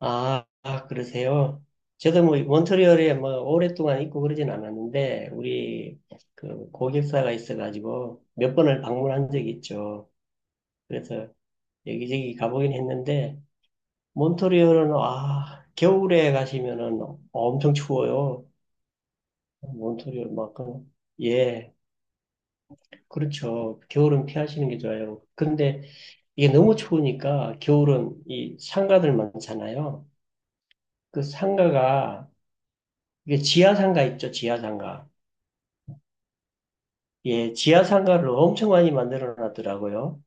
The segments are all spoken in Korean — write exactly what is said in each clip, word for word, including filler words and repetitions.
아, 아, 그러세요? 저도 뭐 몬트리올에 뭐 오랫동안 있고 그러진 않았는데 우리 그 고객사가 있어가지고 몇 번을 방문한 적이 있죠. 그래서 여기저기 가보긴 했는데 몬트리올은 아 겨울에 가시면은 엄청 추워요. 몬트리올 만큼 예 그렇죠. 겨울은 피하시는 게 좋아요. 근데 이게 너무 추우니까 겨울은 이 상가들 많잖아요. 그 상가가 이게 지하상가 있죠, 지하상가. 예, 지하 상가를 엄청 많이 만들어 놨더라고요.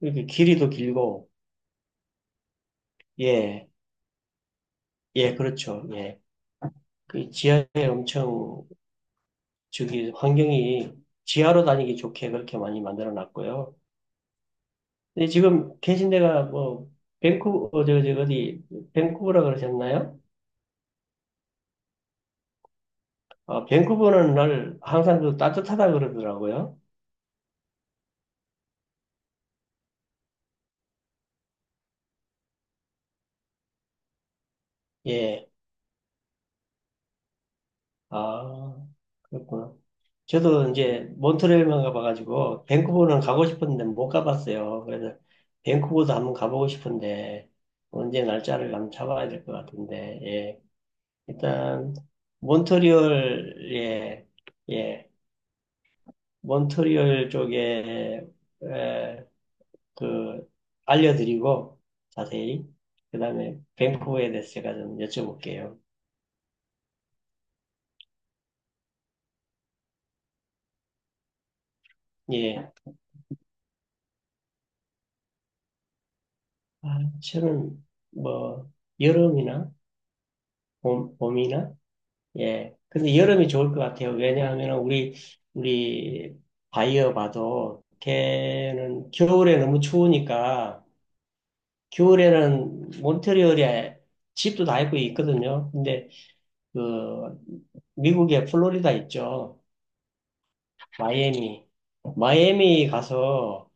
이렇게 길이도 길고, 예, 예, 그렇죠. 예. 그 지하에 엄청, 저기, 환경이 지하로 다니기 좋게 그렇게 많이 만들어 놨고요. 근데 지금 계신 데가 뭐, 밴쿠, 어, 저, 저, 어디, 밴쿠버라 그러셨나요? 어, 밴쿠버는 날 항상 그 따뜻하다 그러더라고요. 예. 아, 그렇구나. 저도 이제 몬트레일만 가봐가지고 밴쿠버는 가고 싶었는데 못 가봤어요. 그래서 밴쿠버도 한번 가보고 싶은데 언제 날짜를 한번 잡아야 될 것 같은데 예. 일단 몬트리올 예, 예, 몬트리올 쪽에 에, 그 알려드리고 자세히 그다음에 밴쿠버에 대해서 제가 좀 여쭤볼게요. 예, 아, 저는 뭐 여름이나 봄, 봄이나? 예. 근데 여름이 좋을 것 같아요. 왜냐하면 우리, 우리 바이어 봐도 걔는 겨울에 너무 추우니까 겨울에는 몬트리올에 집도 다 있고 있거든요. 근데 그 미국의 플로리다 있죠. 마이애미. 마이애미 가서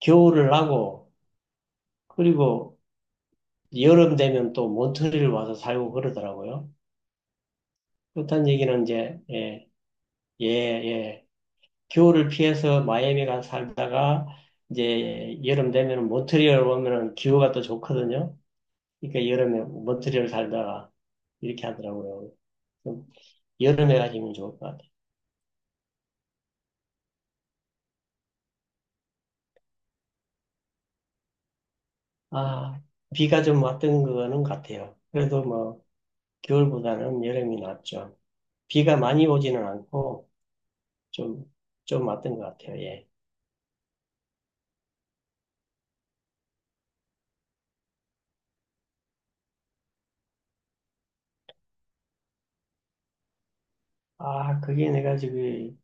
겨울을 나고 그리고 여름 되면 또 몬트리올 와서 살고 그러더라고요. 그렇다는 얘기는 이제 예, 예, 예. 겨울을 피해서 마이애미 가서 살다가 이제 여름 되면 모트리올 오면은 기후가 또 좋거든요. 그러니까 여름에 모트리올 살다가 이렇게 하더라고요. 좀 여름에 가시면 좋을 것 같아요. 아, 비가 좀 왔던 거는 같아요. 그래도 뭐 겨울보다는 여름이 낫죠. 비가 많이 오지는 않고 좀, 좀 왔던 것 같아요. 예. 아, 그게 내가 지금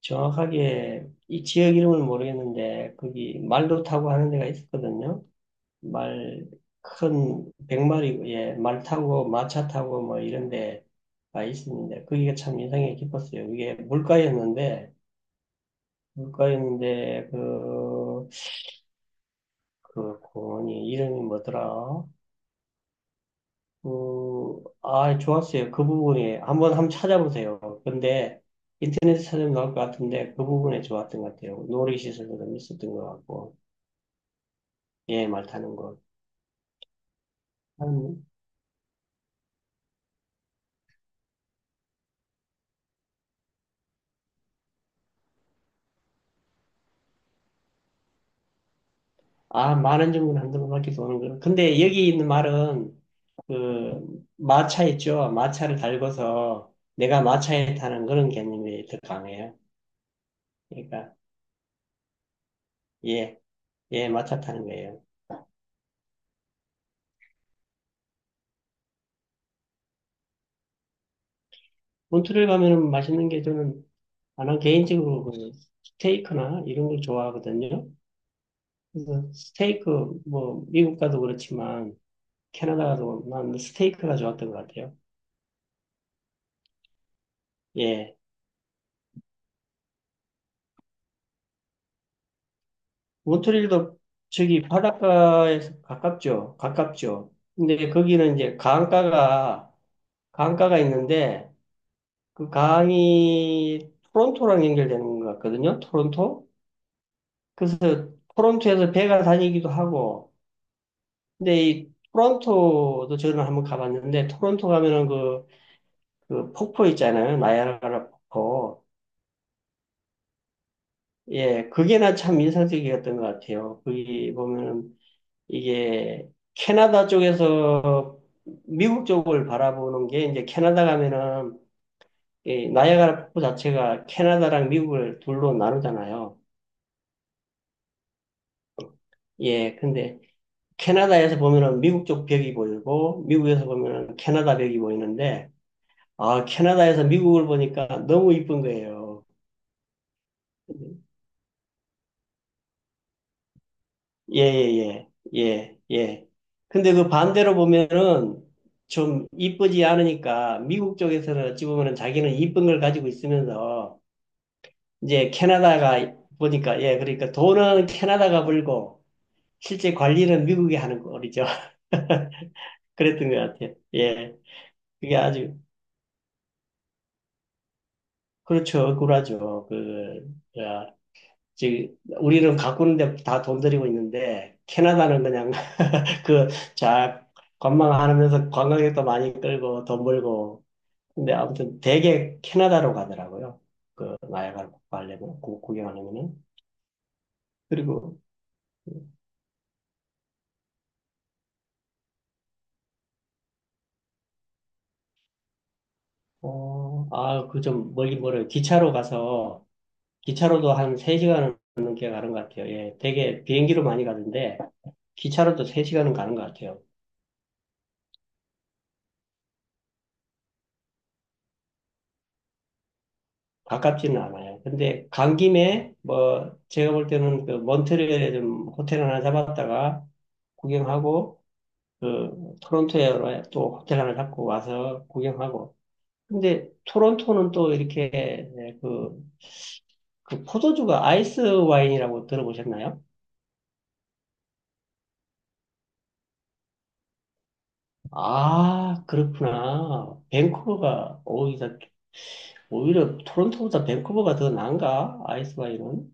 정확하게 이 지역 이름을 모르겠는데 거기 말도 타고 하는 데가 있었거든요. 말, 큰, 백마리, 예, 말 타고, 마차 타고, 뭐, 이런 데가 있습니다. 그게 참 인상이 깊었어요. 이게 물가였는데, 물가였는데, 그, 그 공원이 이름이 뭐더라? 그, 아, 좋았어요. 그 부분이. 한번 한번 찾아보세요. 근데, 인터넷에 찾으면 나올 것 같은데, 그 부분에 좋았던 것 같아요. 놀이시설도 좀 있었던 것 같고, 예, 말 타는 거. 아, 많은는 한두 번밖에 도는 거. 근데 여기 있는 말은 그 마차 있죠. 마차를 달고서 내가 마차에 타는 그런 개념이 더 강해요. 그러니까 예, 예, 마차 타는 거예요. 본토를 가면은 맛있는 게 저는 나는 개인적으로 그 스테이크나 이런 걸 좋아하거든요. 그래서 스테이크 뭐 미국 가도 그렇지만 캐나다 가도 난 스테이크가 좋았던 것 같아요. 예. 몬트리올도 저기 바닷가에서 가깝죠. 가깝죠. 근데 거기는 이제 강가가, 강가가 있는데 그 강이 토론토랑 연결되는 것 같거든요. 토론토. 그래서 토론토에서 배가 다니기도 하고. 근데 이 토론토도 저는 한번 가봤는데 토론토 가면은 그, 그 폭포 있잖아요. 나이아가라 폭포. 예, 그게 나 참 인상적이었던 것 같아요. 거기 보면은 이게 캐나다 쪽에서 미국 쪽을 바라보는 게 이제 캐나다 가면은 이 나이아가라 폭포 자체가 캐나다랑 미국을 둘로 나누잖아요. 예, 근데 캐나다에서 보면은 미국 쪽 벽이 보이고 미국에서 보면은 캐나다 벽이 보이는데 아, 캐나다에서 미국을 보니까 너무 이쁜 거예요. 예, 예, 예, 예, 예. 근데 그 반대로 보면은 좀 이쁘지 않으니까 미국 쪽에서는 어찌 보면은 자기는 이쁜 걸 가지고 있으면서 이제 캐나다가 보니까 예, 그러니까 돈은 캐나다가 벌고 실제 관리는 미국이 하는 꼴이죠. 그랬던 것 같아요. 예. 그게 아주, 그렇죠. 억울하죠. 그, 야, 즉, 우리는 가꾸는데 다 돈 들이고 있는데 캐나다는 그냥 그, 자, 관광하면서 관광객도 많이 끌고 돈 벌고. 근데 아무튼 되게 캐나다로 가더라고요. 그, 나이아가라 가려면, 구- 구경하려면은. 그리고, 어, 아, 그 좀 멀긴 멀어요. 기차로 가서, 기차로도 한 세 시간은 넘게 가는 것 같아요. 예, 되게 비행기로 많이 가던데, 기차로도 세 시간은 가는 것 같아요. 가깝지는 않아요. 근데 간 김에, 뭐, 제가 볼 때는 그 몬트리올에 좀 호텔 하나 잡았다가 구경하고, 그 토론토에 또 호텔 하나 잡고 와서 구경하고. 근데 토론토는 또 이렇게 네, 그, 그 포도주가 아이스 와인이라고 들어보셨나요? 아, 그렇구나. 밴쿠버가 오히려, 오히려 토론토보다 밴쿠버가 더 나은가? 아이스 와인은?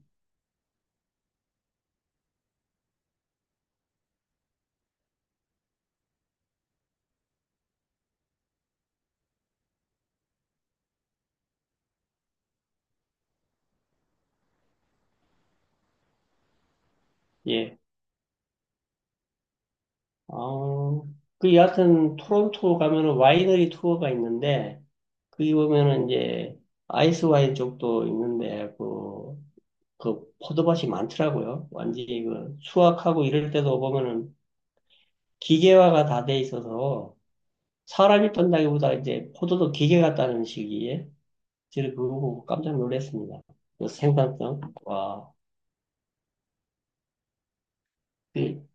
예. 어, 그 여하튼 토론토 가면은 와이너리 투어가 있는데, 거기 보면은 이제 아이스 와인 쪽도 있는데, 그, 그 포도밭이 많더라고요. 완전히 그 수확하고 이럴 때도 보면은 기계화가 다 돼 있어서 사람이 떤다기보다 이제 포도도 기계 같다는 시기에 제가 그거 보고 깜짝 놀랐습니다. 그 생산성. 와. 그,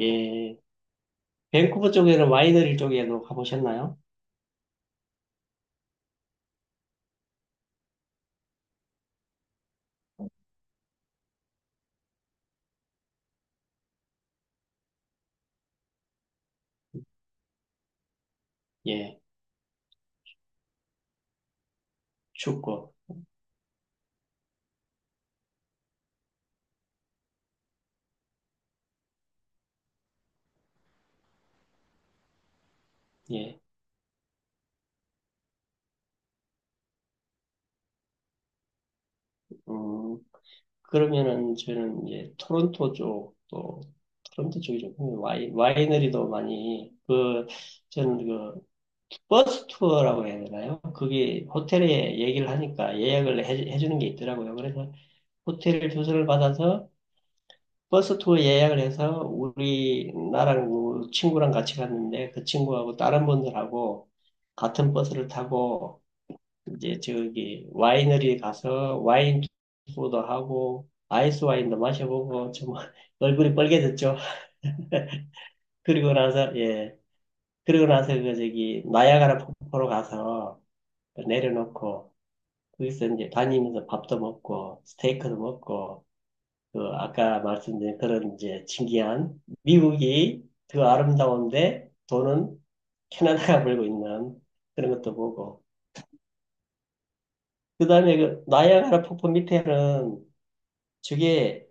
예. 밴쿠버 쪽에는 와이너리 쪽에도 가보셨나요? 예. 춥고. 예. 음, 그러면은 저는 이제 토론토 쪽 또 토론토 쪽이죠. 와이, 와이너리도 많이 그 저는 그 버스 투어라고 해야 되나요? 그게 호텔에 얘기를 하니까 예약을 해, 해주는 게 있더라고요. 그래서 호텔 주소를 받아서 버스 투어 예약을 해서 우리 나랑 그 친구랑 같이 갔는데 그 친구하고 다른 분들하고 같은 버스를 타고 이제 저기 와이너리에 가서 와인 투어도 하고 아이스 와인도 마셔보고 좀 얼굴이 빨개졌죠. 그리고 나서 예 그리고 나서 그 저기 나야가라 폭포로 가서 내려놓고 거기서 이제 다니면서 밥도 먹고 스테이크도 먹고 그 아까 말씀드린 그런 이제 신기한 미국이 그 아름다운데 돈은 캐나다가 벌고 있는 그런 것도 보고 그다음에 그 나이아가라 폭포 밑에는 저게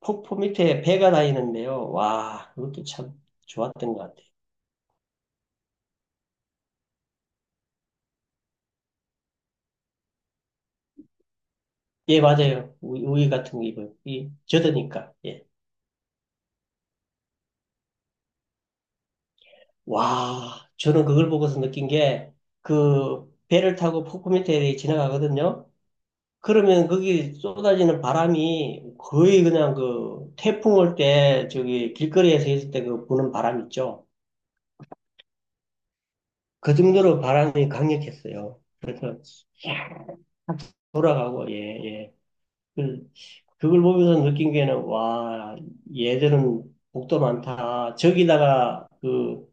폭포 밑에 배가 다니는데요. 와, 그것도 참 좋았던 것 같아요. 예, 맞아요. 우- 우유 같은 거 입어요. 이 젖으니까. 예. 와, 저는 그걸 보고서 느낀 게, 그, 배를 타고 포크미터에 지나가거든요? 그러면 거기 쏟아지는 바람이 거의 그냥 그, 태풍 올 때, 저기, 길거리에서 있을 때 그 부는 바람 있죠? 그 정도로 바람이 강력했어요. 그래서 돌아가고, 예, 예. 그, 그걸 보면서 느낀 게는, 와, 얘들은 복도 많다. 저기다가 그,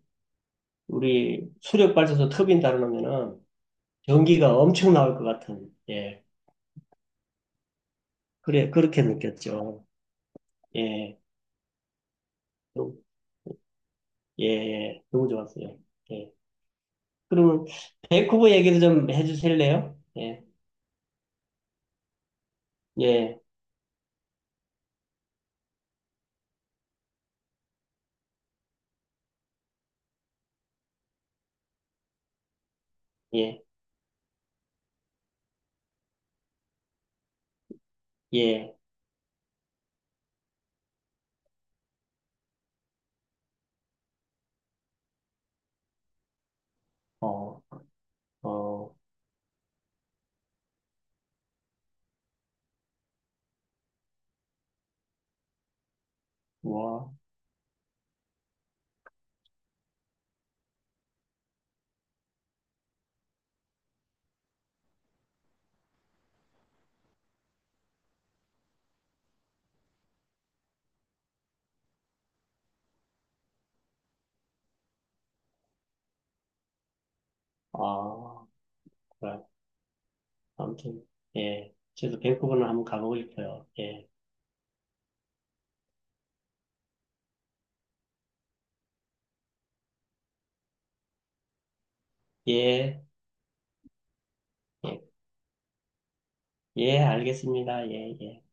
우리 수력 발전소 터빈 달아놓으면은 전기가 엄청 나올 것 같은, 예. 그래, 그렇게 느꼈죠. 예, 너무- 예, 예, 너무 좋았어요. 예. 그러면, 밴쿠버 얘기도 좀 해주실래요? 예, 예, 예, 예, 어, 어, 뭐, 아, 그래. 아무튼, 예. 저도 밴쿠버는 한번 가보고 싶어요. 예, 예, 예, 예, 알겠습니다. 예, 예.